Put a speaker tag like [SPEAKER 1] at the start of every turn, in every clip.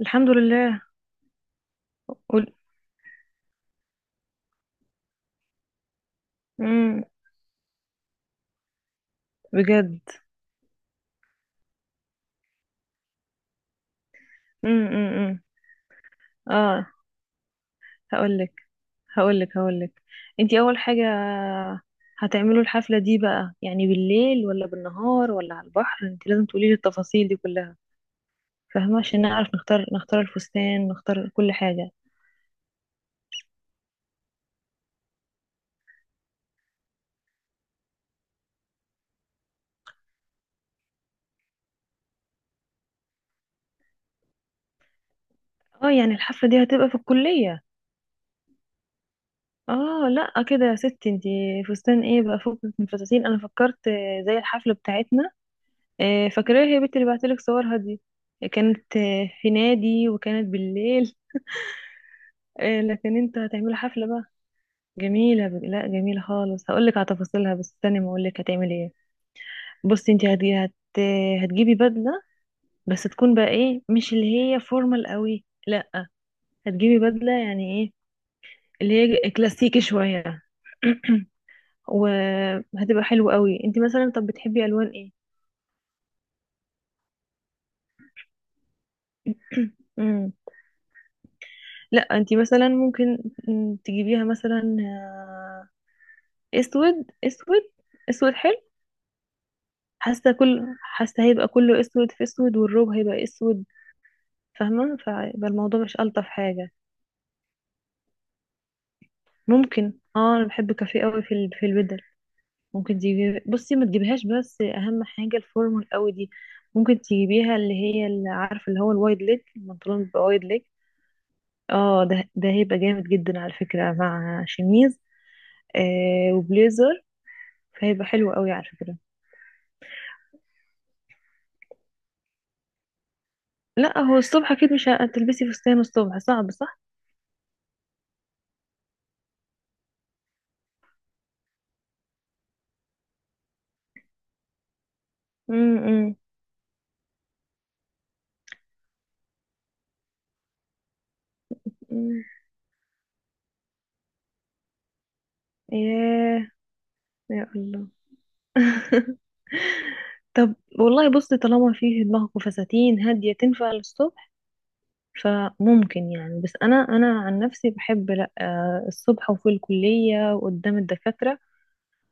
[SPEAKER 1] الحمد لله. قول. امم بجد. امم امم اه. هقول لك هقول لك. انت اول حاجه، هتعملوا الحفله دي بقى يعني بالليل ولا بالنهار ولا على البحر؟ انت لازم تقولي لي التفاصيل دي كلها، فاهمه؟ عشان نعرف نختار نختار الفستان نختار كل حاجه. اه يعني الحفله دي هتبقى في الكليه؟ اه لا كده يا ستي انت. فستان ايه بقى فوق من الفساتين، انا فكرت زي الحفله بتاعتنا. فاكراها، هي بنت اللي بعتلك صورها دي، كانت في نادي وكانت بالليل. لكن انت هتعملي حفلة بقى. جميلة لا جميلة خالص. هقولك على تفاصيلها بس استني ما اقولك هتعملي ايه. بصي انت هتجيبي بدلة، بس تكون بقى ايه، مش اللي هي فورمال قوي، لا، هتجيبي بدلة يعني ايه، اللي هي كلاسيكي شوية. وهتبقى حلوة قوي. انت مثلا طب بتحبي الوان ايه؟ مم. لا انت مثلا ممكن، تجيبيها مثلا اسود اسود. اسود حلو. حاسه كل حاسه هيبقى كله اسود في اسود، والروب هيبقى اسود، فاهمه؟ فيبقى الموضوع مش الطف حاجه. ممكن، اه انا بحب كافيه قوي في في البدل. ممكن تجيبي، بصي ما تجيبيهاش، بس اهم حاجه الفورمال قوي دي. ممكن تجيبيها اللي هي اللي عارفه اللي هو الوايد ليج، البنطلون بيبقى وايد ليج. اه ده هيبقى جامد جدا على فكره مع شميز. آه وبليزر، فهيبقى حلو قوي على فكره. لا هو الصبح اكيد مش هتلبسي فستان، الصبح صعب صعب. امم امم ياه. يا الله. طب والله بصي، طالما فيه دماغكم فساتين هادية تنفع للصبح. فممكن يعني، بس انا عن نفسي بحب لا الصبح وفي الكلية وقدام الدكاترة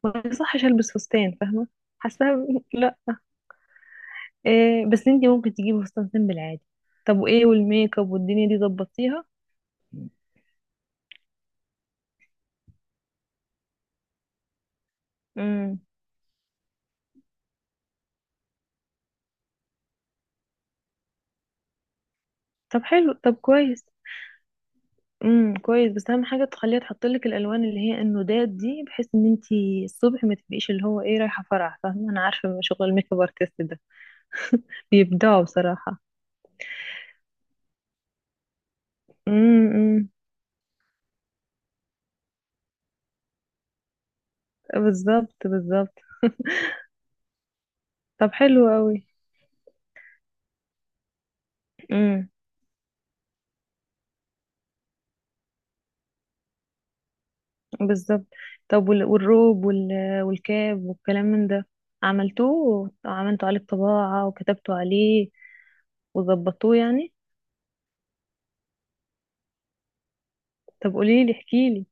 [SPEAKER 1] ما يصحش البس فستان، فاهمة؟ حاسة لا. إيه، بس انتي ممكن تجيبي فستان سيمبل عادي. طب وايه، والميك اب والدنيا دي ظبطيها. امم طب حلو، طب كويس. كويس، بس اهم حاجه تخليها تحط لك الالوان اللي هي النودات دي، بحيث ان انت الصبح ما تبقيش اللي هو ايه، رايحه فرح. فاهمه، انا عارفه شغل الميك اب ارتست ده، بيبدعوا بصراحه. امم بالظبط. بالظبط. طب حلو قوي. امم بالظبط. طب والروب والكاب والكلام من ده، عملتوه، عملتوا عليه طباعه وكتبتوا عليه وظبطوه يعني؟ طب قولي لي، احكي لي.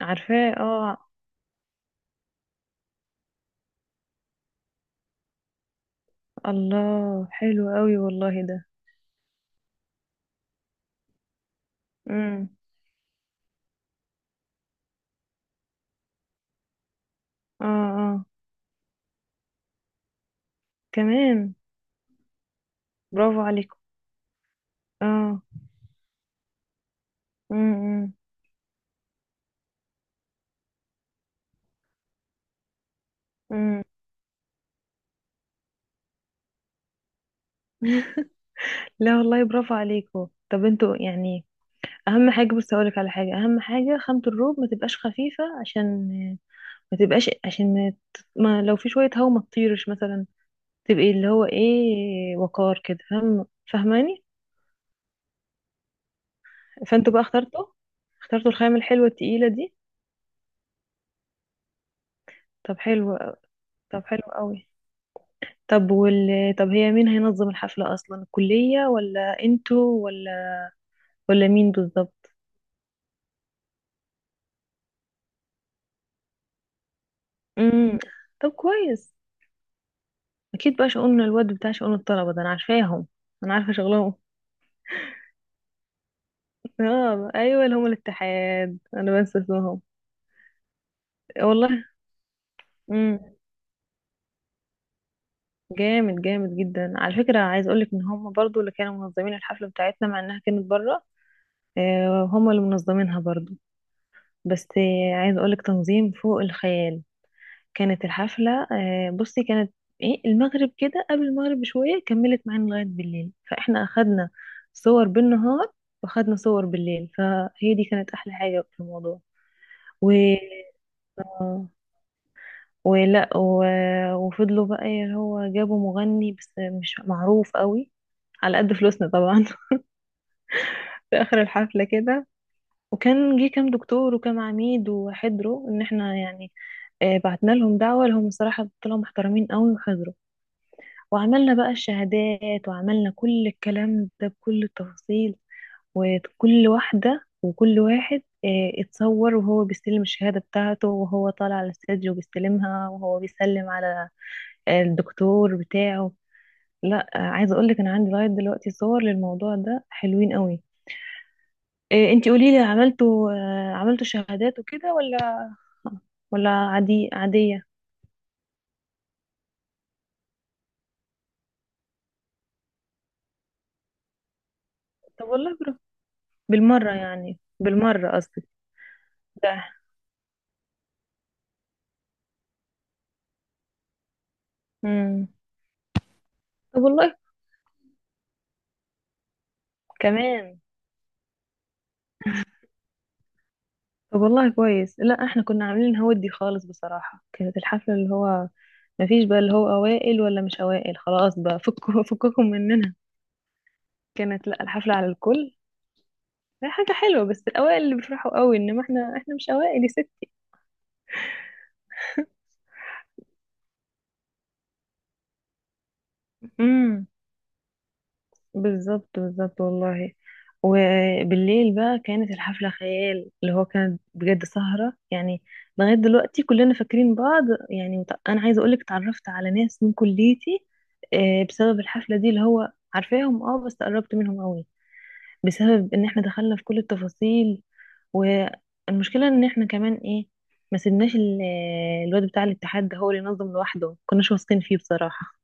[SPEAKER 1] عارفاه اه. الله حلو قوي والله ده. امم اه. اه كمان. برافو عليكم. اه. امم امم لا والله برافو عليكم. طب انتوا يعني اهم حاجه، بس اقولك على حاجه، اهم حاجه خامه الروب ما تبقاش خفيفه، عشان ما تبقاش، عشان ما، لو في شويه هوا ما تطيرش مثلا، تبقي اللي هو ايه، وقار كده، فاهم؟ فاهماني؟ فانتوا بقى اخترتوا اخترتوا الخامه الحلوه التقيله دي. طب حلو، طب حلو قوي. طب وال طب هي مين هينظم الحفله اصلا، الكليه ولا انتوا ولا ولا مين بالظبط؟ امم طب كويس. اكيد بقى شؤون الواد بتاع شؤون الطلبه ده، انا عارفاهم، انا عارفه شغلهم. اه ايوه اللي هم الاتحاد، انا بنسى اسمهم. والله. امم جامد، جامد جدا على فكره. عايز اقولك ان هم برضو اللي كانوا منظمين الحفله بتاعتنا، مع انها كانت بره. هم اللي منظمينها برضو. بس عايز اقولك تنظيم فوق الخيال. كانت الحفلة بصي كانت ايه، المغرب كده، قبل المغرب بشوية كملت معانا لغاية بالليل. فاحنا اخدنا صور بالنهار، واخدنا صور بالليل، فهي دي كانت احلى حاجة في الموضوع. و آه، ولا و... وفضلوا بقى اللي هو جابوا مغني، بس مش معروف قوي، على قد فلوسنا طبعا. في اخر الحفلة كده. وكان جه كام دكتور وكام عميد وحضروا، ان احنا يعني بعتنا لهم دعوة، لهم الصراحة طلعوا محترمين قوي وحضروا. وعملنا بقى الشهادات، وعملنا كل الكلام ده بكل التفاصيل. وكل واحدة وكل واحد اتصور وهو بيستلم الشهادة بتاعته، وهو طالع على الستيج وبيستلمها، وهو بيسلم على الدكتور بتاعه. لا عايزة اقولك انا عندي لغاية دلوقتي صور للموضوع ده حلوين قوي. انتي قوليلي، عملتوا عملتوا شهادات وكده، ولا ولا عادي عادية؟ طب والله برافو، بالمرة يعني، بالمرة قصدي. ده مم. طب والله كمان. طب والله كويس. لا احنا كنا عاملين هودي خالص بصراحة. كانت الحفلة اللي هو ما فيش بقى اللي هو اوائل ولا مش اوائل، خلاص بقى فكوا فككم مننا. كانت لا الحفلة على الكل. هي حاجة حلوة، بس الاوائل اللي بيفرحوا قوي، انما احنا احنا مش اوائل يا ست. امم بالظبط بالظبط والله. وبالليل بقى كانت الحفلة خيال، اللي هو كانت بجد سهرة يعني. لغاية دلوقتي كلنا فاكرين بعض يعني. أنا عايزة أقولك اتعرفت على ناس من كليتي بسبب الحفلة دي، اللي هو عارفاهم اه، بس قربت منهم قوي، بسبب إن احنا دخلنا في كل التفاصيل. والمشكلة إن احنا كمان ايه، ما سيبناش الواد بتاع الاتحاد ده هو اللي ينظم لوحده، كناش واثقين فيه بصراحة.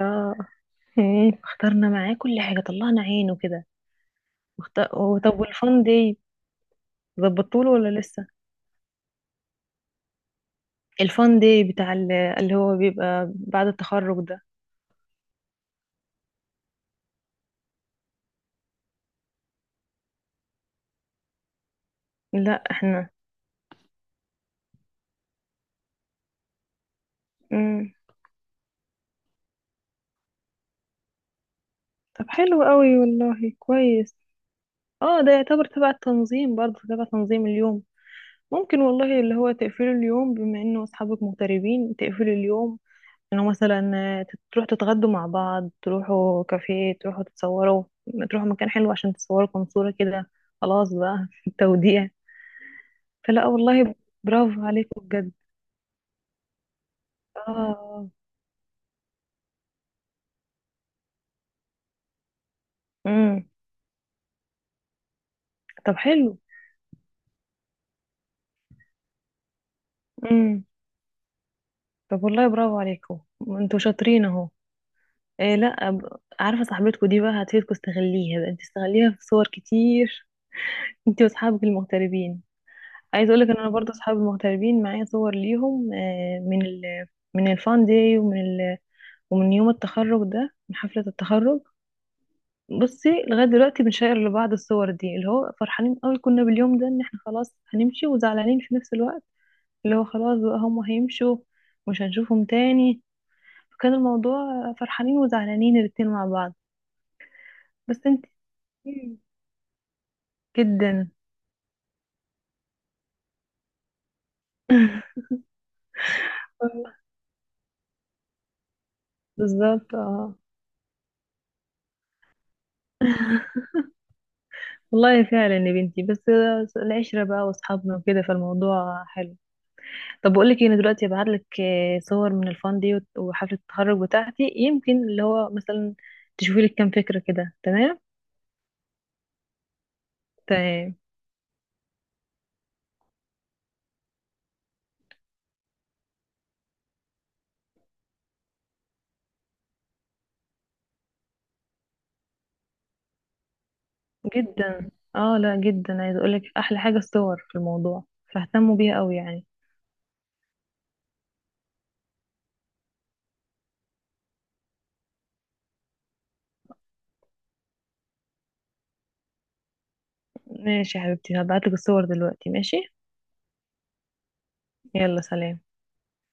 [SPEAKER 1] اه اخترنا معاه كل حاجة، طلعنا عينه كده. هو طب والفان داي ظبطتوله ولا لسه؟ الفان داي بتاع اللي هو بيبقى بعد التخرج ده. لا احنا. مم. طب حلو قوي والله كويس. اه ده يعتبر تبع التنظيم برضه، تبع تنظيم اليوم. ممكن والله اللي هو تقفلوا اليوم، بما انه اصحابك مغتربين، تقفلوا اليوم انه مثلا تروحوا تتغدوا مع بعض، تروحوا كافيه، تروحوا تتصوروا، تروحوا مكان حلو عشان تصوروا كام صورة كده، خلاص بقى في التوديع. فلا والله، برافو عليكم بجد. اه. امم طب حلو. امم طب والله برافو عليكم، انتوا شاطرين اهو. إيه لا عارفه صاحبتكم دي بقى هتفيدكم، استغليها بقى، انت استغليها في صور كتير. انت واصحابك المغتربين. عايز اقول لك ان انا برضه اصحابي المغتربين معايا صور ليهم من ال، من الفان داي، ومن ال، ومن يوم التخرج ده، من حفله التخرج. بصي لغايه دلوقتي بنشير لبعض الصور دي، اللي هو فرحانين قوي كنا باليوم ده، ان احنا خلاص هنمشي، وزعلانين في نفس الوقت، اللي هو خلاص بقى هم هيمشوا مش هنشوفهم تاني، فكان الموضوع فرحانين وزعلانين الاتنين مع بعض. بس انت. مم. جدا. بالظبط اه. والله فعلا يا بنتي، بس العشرة بقى واصحابنا وكده فالموضوع حلو. طب بقول لك ايه، انا دلوقتي هبعت لك صور من الفان دي، وحفلة التخرج بتاعتي، يمكن اللي هو مثلا تشوفي لك كام فكرة كده، تمام؟ تمام جدا اه. لا جدا عايزة اقول لك احلى حاجة الصور في الموضوع، فاهتموا بيها قوي يعني. ماشي يا حبيبتي، هبعتلك الصور دلوقتي، ماشي. يلا سلام.